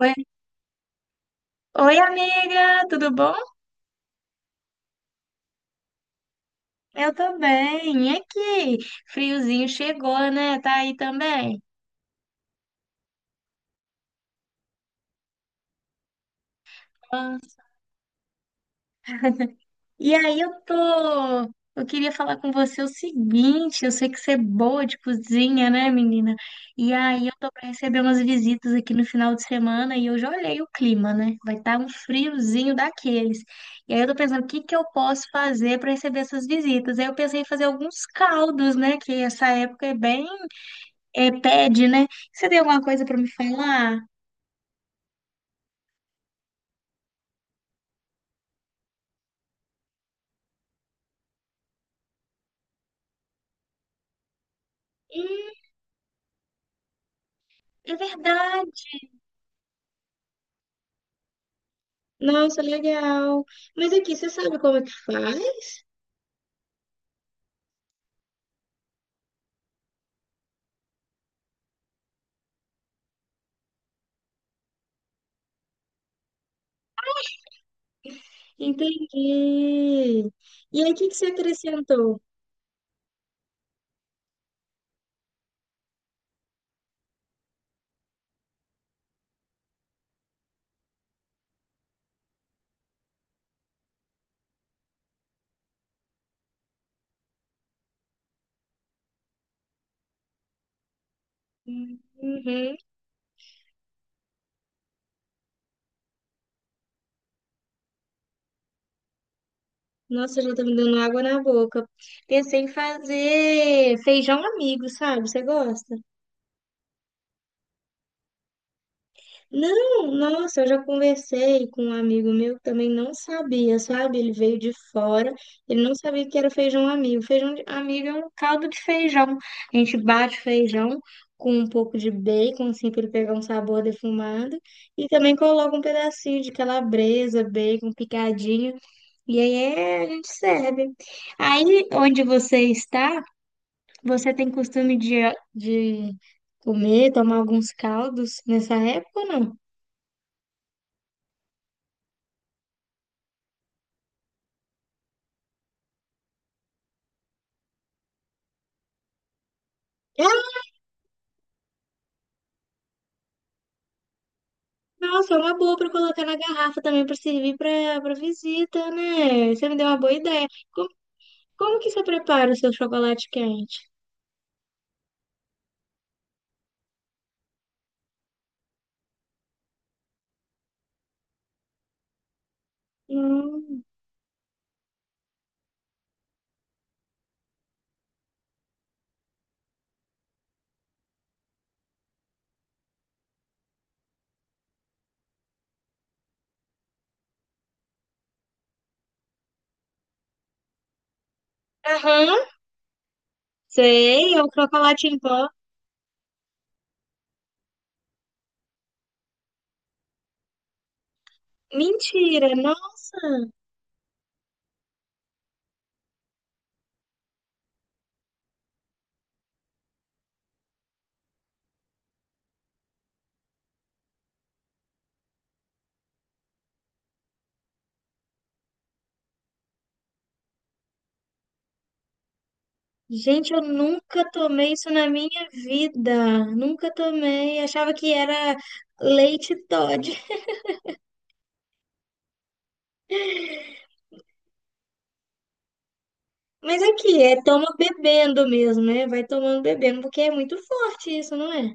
Oi, oi, amiga, tudo bom? Eu tô bem. E aqui? Friozinho chegou, né? Tá aí também. Ah, E aí eu tô, eu queria falar com você o seguinte, eu sei que você é boa de cozinha, né, menina? E aí eu tô pra receber umas visitas aqui no final de semana e eu já olhei o clima, né? Vai estar um friozinho daqueles. E aí eu tô pensando, o que que eu posso fazer pra receber essas visitas? Aí eu pensei em fazer alguns caldos, né, que essa época é bem é, pede, né? Você tem alguma coisa pra me falar? Hum, é verdade. Nossa, legal. Mas aqui, você sabe como é que faz? Entendi. E aí, o que que você acrescentou? Uhum. Nossa, já tá me dando água na boca. Pensei em fazer feijão amigo, sabe? Você gosta? Não, nossa, eu já conversei com um amigo meu que também não sabia, sabe? Ele veio de fora, ele não sabia que era feijão amigo. Feijão de- amigo é um caldo de feijão. A gente bate feijão com um pouco de bacon, assim, para ele pegar um sabor defumado, e também coloca um pedacinho de calabresa, bacon picadinho, e aí é, a gente serve. Aí, onde você está, você tem costume de comer, tomar alguns caldos nessa época ou não? Nossa, é uma boa pra colocar na garrafa também pra servir pra para visita, né? Você me deu uma boa ideia. Como que você prepara o seu chocolate quente? Hum. Aham, sei, é o chocolate em pó. Mentira, nossa! Gente, eu nunca tomei isso na minha vida. Nunca tomei. Achava que era leite Toddy. Mas aqui, é toma bebendo mesmo, né? Vai tomando bebendo, porque é muito forte isso, não é?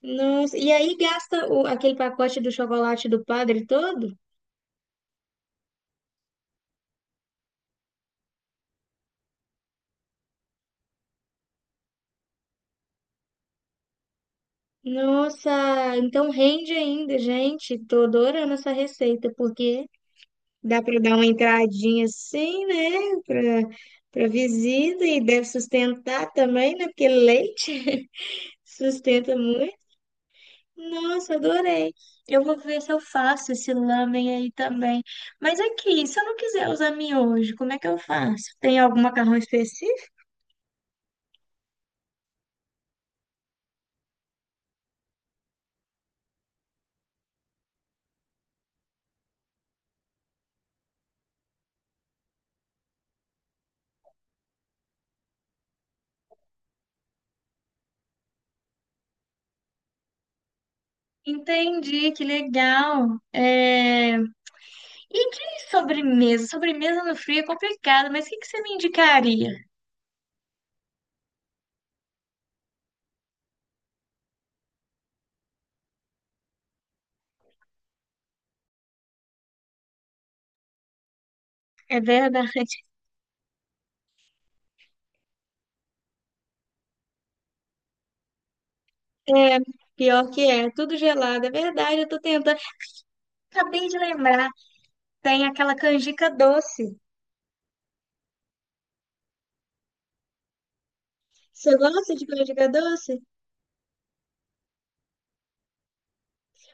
Nossa, e aí gasta o- aquele pacote do chocolate do padre todo? Nossa, então rende ainda, gente. Tô adorando essa receita, porque dá para dar uma entradinha assim, né? Para visita e deve sustentar também, né? Porque leite sustenta muito. Nossa, adorei. Eu vou ver se eu faço esse lamen aí também. Mas aqui, se eu não quiser usar miojo, como é que eu faço? Tem algum macarrão específico? Entendi, que legal. É, e de sobremesa? Sobremesa no frio é complicado, mas o que que você me indicaria? É verdade. É, pior que é, tudo gelado. É verdade, eu tô tentando. Acabei de lembrar, tem aquela canjica doce. Você gosta de canjica doce?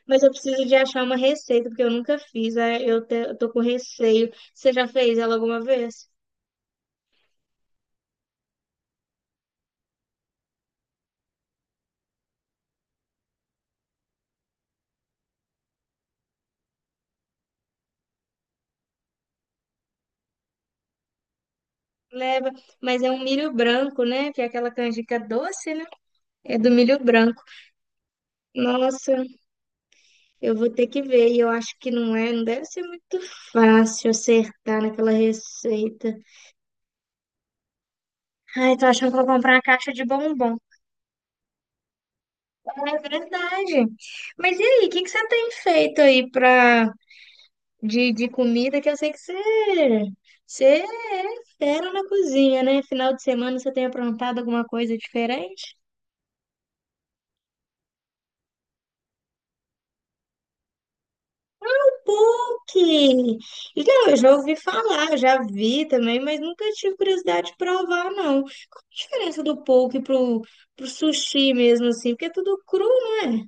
Mas eu preciso de achar uma receita, porque eu nunca fiz. Eu tô com receio. Você já fez ela alguma vez? Leva, mas é um milho branco, né? Que é aquela canjica doce, né? É do milho branco. Nossa. Eu vou ter que ver, e eu acho que não é, não deve ser muito fácil acertar naquela receita. Ai, tô achando que eu vou comprar uma caixa de bombom. É verdade. Mas e aí, o que que você tem feito aí pra, de comida? Que eu sei que você, você é fera na cozinha, né? Final de semana você tem aprontado alguma coisa diferente? PUC! Não, eu já ouvi falar, já vi também, mas nunca tive curiosidade de provar, não. Qual a diferença do pro sushi mesmo, assim? Porque é tudo cru, não é?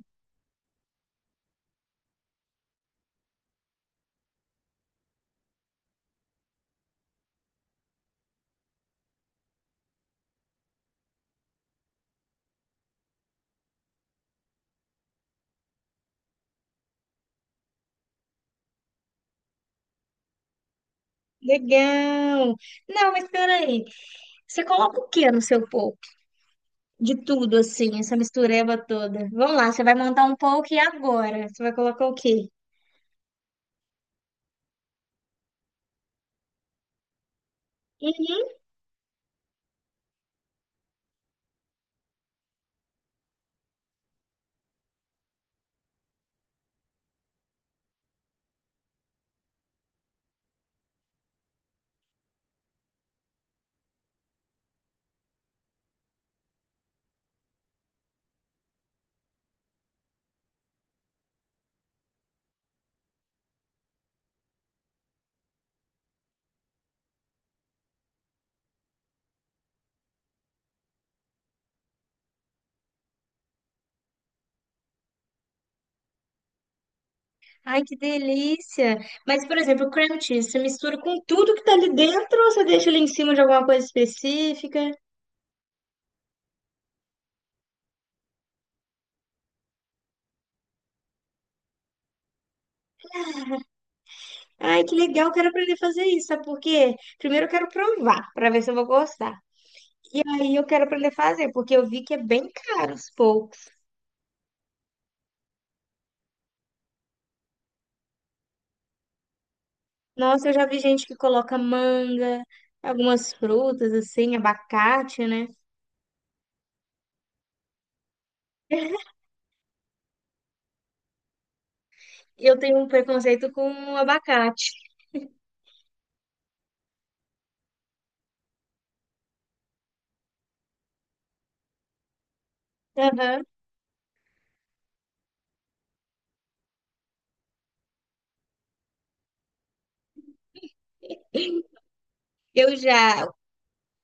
Legal! Não, mas peraí. Você coloca o que no seu poke? De tudo, assim, essa mistureba toda. Vamos lá, você vai montar um poke agora. Você vai colocar o quê? Uhum. Ai, que delícia! Mas, por exemplo, o cream cheese, você mistura com tudo que tá ali dentro ou você deixa ele em cima de alguma coisa específica? Ai, que legal, quero aprender a fazer isso, sabe por quê? Primeiro eu quero provar, para ver se eu vou gostar. E aí eu quero aprender a fazer, porque eu vi que é bem caro os poucos. Nossa, eu já vi gente que coloca manga, algumas frutas assim, abacate, né? Eu tenho um preconceito com abacate. Aham. Eu já,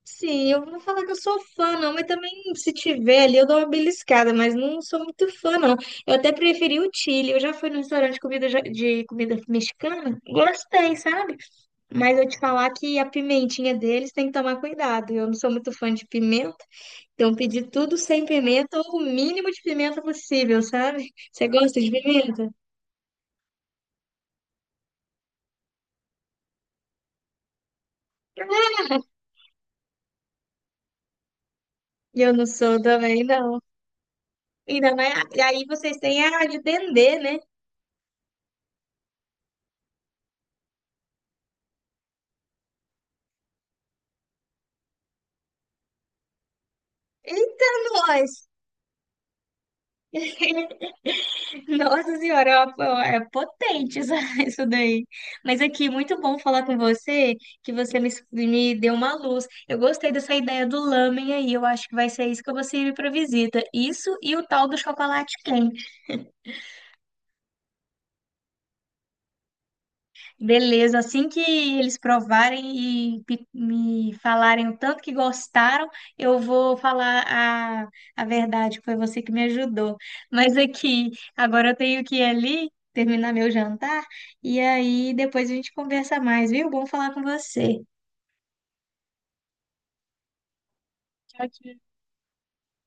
sim, eu não vou falar que eu sou fã, não, mas também se tiver ali eu dou uma beliscada, mas não sou muito fã, não. Eu até preferi o Chile. Eu já fui num restaurante de comida, ja- de comida mexicana, gostei, sabe? Mas eu te falar que a pimentinha deles tem que tomar cuidado. Eu não sou muito fã de pimenta, então pedi tudo sem pimenta ou o mínimo de pimenta possível, sabe? Você gosta de pimenta? Eu não sou também, não. Ainda mais. E aí vocês têm a de dendê, né? Eita, nós! Nossa senhora, é potente isso, isso daí. Mas aqui, muito bom falar com você, que você me deu uma luz. Eu gostei dessa ideia do lamen aí, eu acho que vai ser isso que eu vou servir para visita. Isso e o tal do chocolate quente. Beleza, assim que eles provarem e me falarem o tanto que gostaram, eu vou falar a verdade, que foi você que me ajudou. Mas aqui, agora eu tenho que ir ali, terminar meu jantar, e aí depois a gente conversa mais, viu? Bom falar com você. Tchau, tchau.